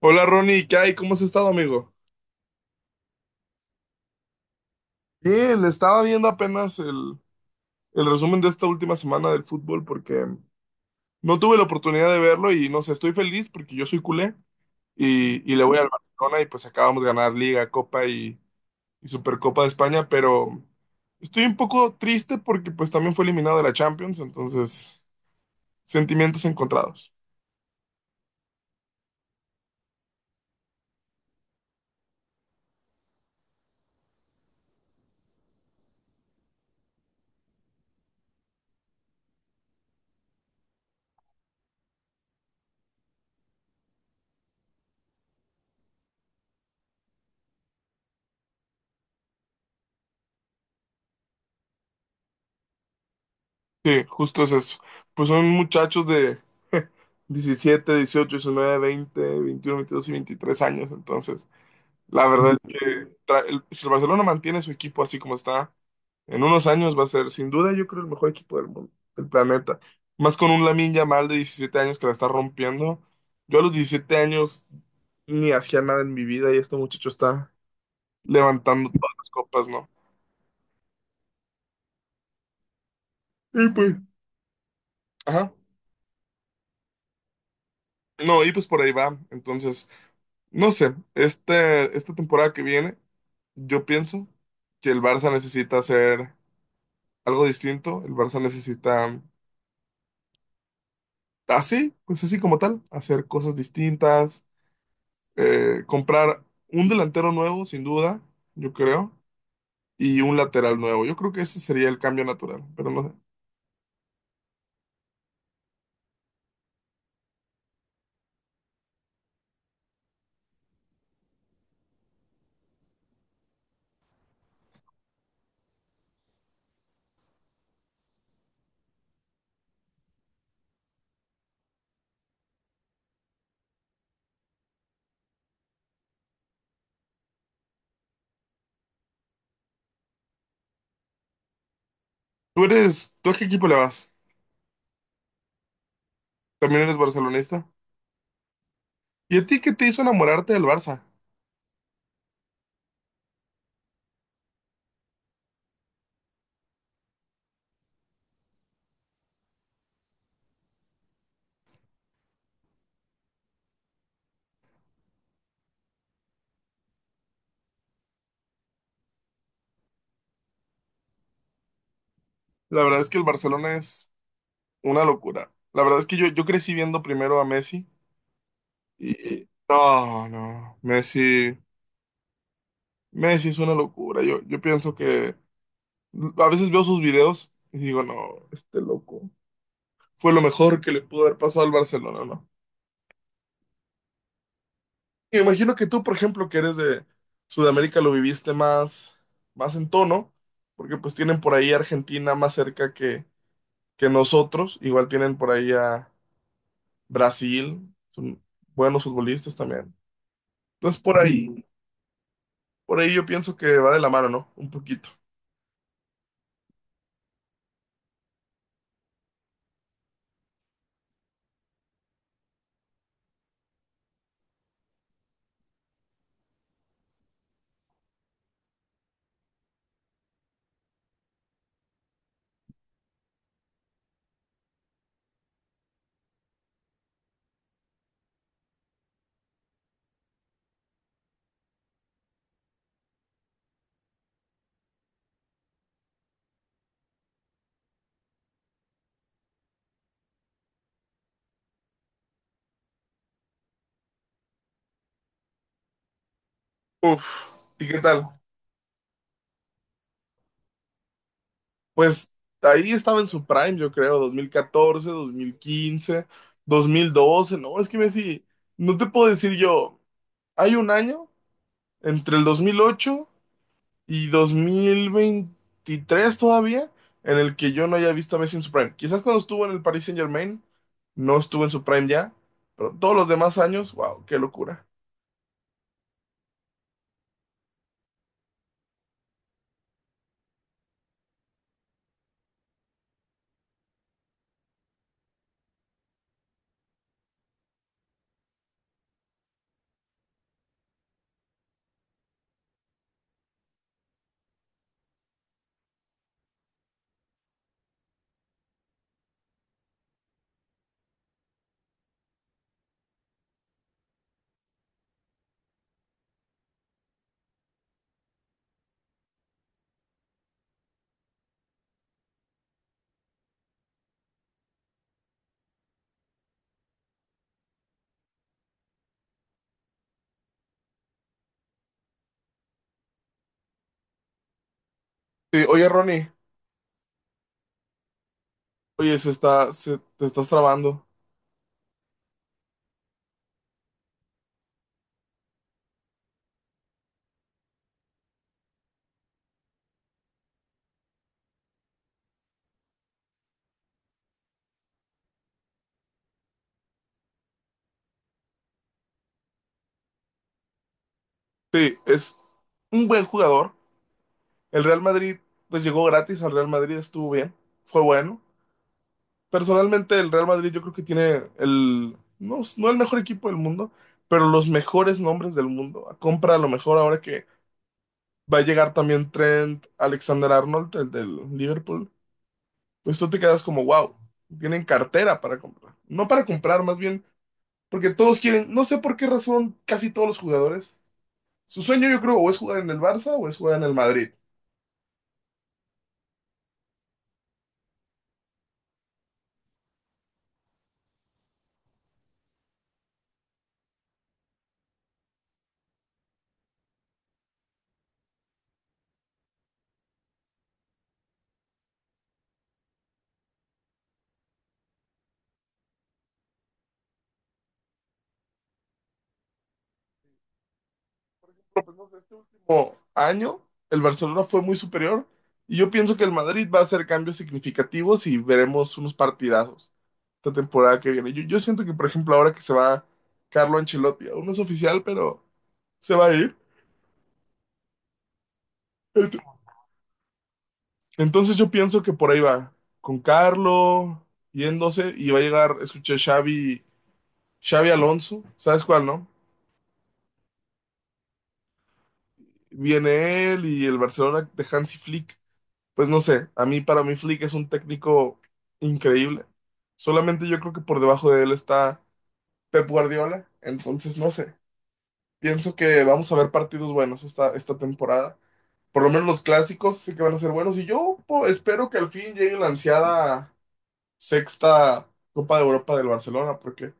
Hola, Ronnie, ¿qué hay? ¿Cómo has estado, amigo? Sí, le estaba viendo apenas el resumen de esta última semana del fútbol porque no tuve la oportunidad de verlo y no sé, estoy feliz porque yo soy culé y le voy al Barcelona y pues acabamos de ganar Liga, Copa y Supercopa de España, pero estoy un poco triste porque pues también fue eliminado de la Champions, entonces sentimientos encontrados. Sí, justo es eso. Pues son muchachos de 17, 18, 19, 20, 21, 22 y 23 años, entonces. La verdad es que si el Barcelona mantiene su equipo así como está, en unos años va a ser sin duda yo creo el mejor equipo del mundo, del planeta. Más con un Lamine Yamal de 17 años que la está rompiendo. Yo a los 17 años ni hacía nada en mi vida y este muchacho está levantando todas las copas, ¿no? Y pues, ajá. No, y pues por ahí va. Entonces, no sé, esta temporada que viene, yo pienso que el Barça necesita hacer algo distinto. El Barça necesita así, pues así como tal, hacer cosas distintas, comprar un delantero nuevo, sin duda, yo creo, y un lateral nuevo. Yo creo que ese sería el cambio natural, pero no sé. Tú eres, ¿tú a qué equipo le vas? También eres barcelonista. ¿Y a ti qué te hizo enamorarte del Barça? La verdad es que el Barcelona es una locura. La verdad es que yo crecí viendo primero a Messi y no, no, Messi, Messi es una locura. Yo pienso que a veces veo sus videos y digo, no, este loco fue lo mejor que le pudo haber pasado al Barcelona, ¿no? Me imagino que tú, por ejemplo, que eres de Sudamérica, lo viviste más, más en tono, porque pues tienen por ahí a Argentina más cerca que nosotros, igual tienen por ahí a Brasil, son buenos futbolistas también. Entonces por ahí yo pienso que va de la mano, ¿no? Un poquito. Uf, ¿y qué tal? Pues ahí estaba en su prime, yo creo, dos mil catorce, 2015, 2012. ¿No? Es que Messi, no te puedo decir yo. Hay un año, entre el 2008 y 2023 todavía, en el que yo no haya visto a Messi en su prime. Quizás cuando estuvo en el Paris Saint-Germain, no estuvo en su prime ya, pero todos los demás años, wow, qué locura. Sí, oye, Ronnie, oye, te estás trabando. Sí, es un buen jugador. El Real Madrid, pues llegó gratis al Real Madrid, estuvo bien, fue bueno. Personalmente, el Real Madrid yo creo que tiene el, no, no el mejor equipo del mundo, pero los mejores nombres del mundo. Compra a lo mejor ahora que va a llegar también Trent Alexander-Arnold, el del Liverpool. Pues tú te quedas como, wow, tienen cartera para comprar. No para comprar, más bien, porque todos quieren, no sé por qué razón, casi todos los jugadores. Su sueño yo creo o es jugar en el Barça o es jugar en el Madrid. Por lo menos este último año, el Barcelona fue muy superior y yo pienso que el Madrid va a hacer cambios significativos y veremos unos partidazos esta temporada que viene. Yo siento que, por ejemplo, ahora que se va Carlo Ancelotti, aún no es oficial, pero se va a ir. Ent- Entonces yo pienso que por ahí va, con Carlo yéndose y va a llegar, escuché Xavi, Xavi Alonso, ¿sabes cuál, no? Viene él y el Barcelona de Hansi Flick. Pues no sé, a mí para mí Flick es un técnico increíble. Solamente yo creo que por debajo de él está Pep Guardiola, entonces no sé. Pienso que vamos a ver partidos buenos esta temporada. Por lo menos los clásicos sí que van a ser buenos y yo espero que al fin llegue la ansiada sexta Copa de Europa del Barcelona, porque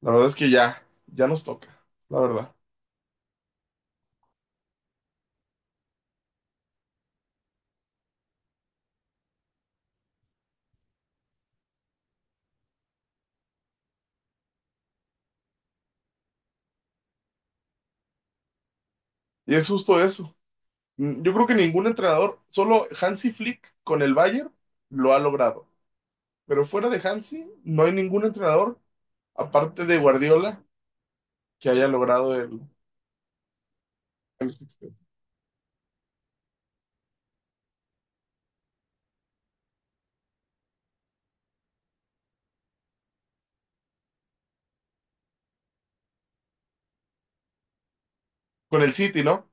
la verdad es que ya nos toca, la verdad. Y es justo eso. Mm, yo creo que ningún entrenador, solo Hansi Flick con el Bayern lo ha logrado. Pero fuera de Hansi, no hay ningún entrenador, aparte de Guardiola, que haya logrado sextete. Con el City, ¿no?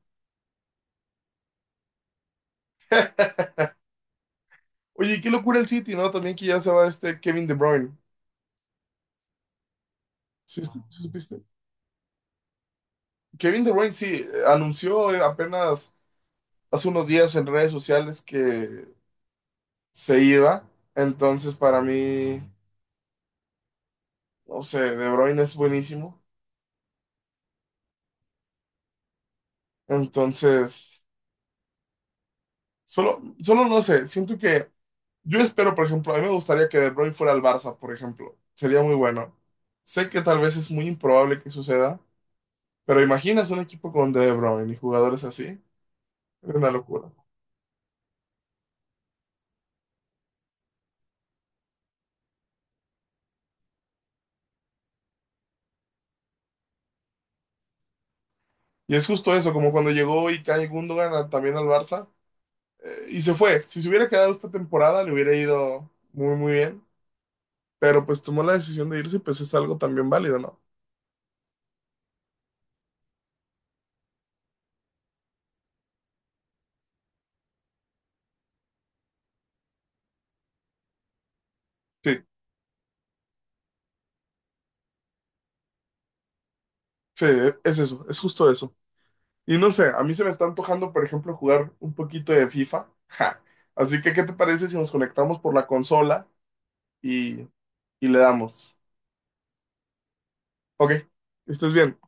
Oye, y qué locura el City, ¿no? También que ya se va este Kevin De Bruyne. ¿Sí, sí supiste? Kevin De Bruyne, sí, anunció apenas hace unos días en redes sociales que se iba. Entonces, para mí, no sé, De Bruyne es buenísimo. Entonces, solo no sé, siento que yo espero, por ejemplo, a mí me gustaría que De Bruyne fuera al Barça, por ejemplo. Sería muy bueno. Sé que tal vez es muy improbable que suceda, pero imaginas un equipo con De Bruyne y jugadores así. Es una locura. Y es justo eso, como cuando llegó Ilkay Gundogan también al Barça y se fue. Si se hubiera quedado esta temporada, le hubiera ido muy bien. Pero pues tomó la decisión de irse y pues es algo también válido, ¿no? Sí, sí, es eso, es justo eso. Y no sé, a mí se me está antojando, por ejemplo, jugar un poquito de FIFA. Ja. Así que, ¿qué te parece si nos conectamos por la consola y, y le damos? Ok, estás bien.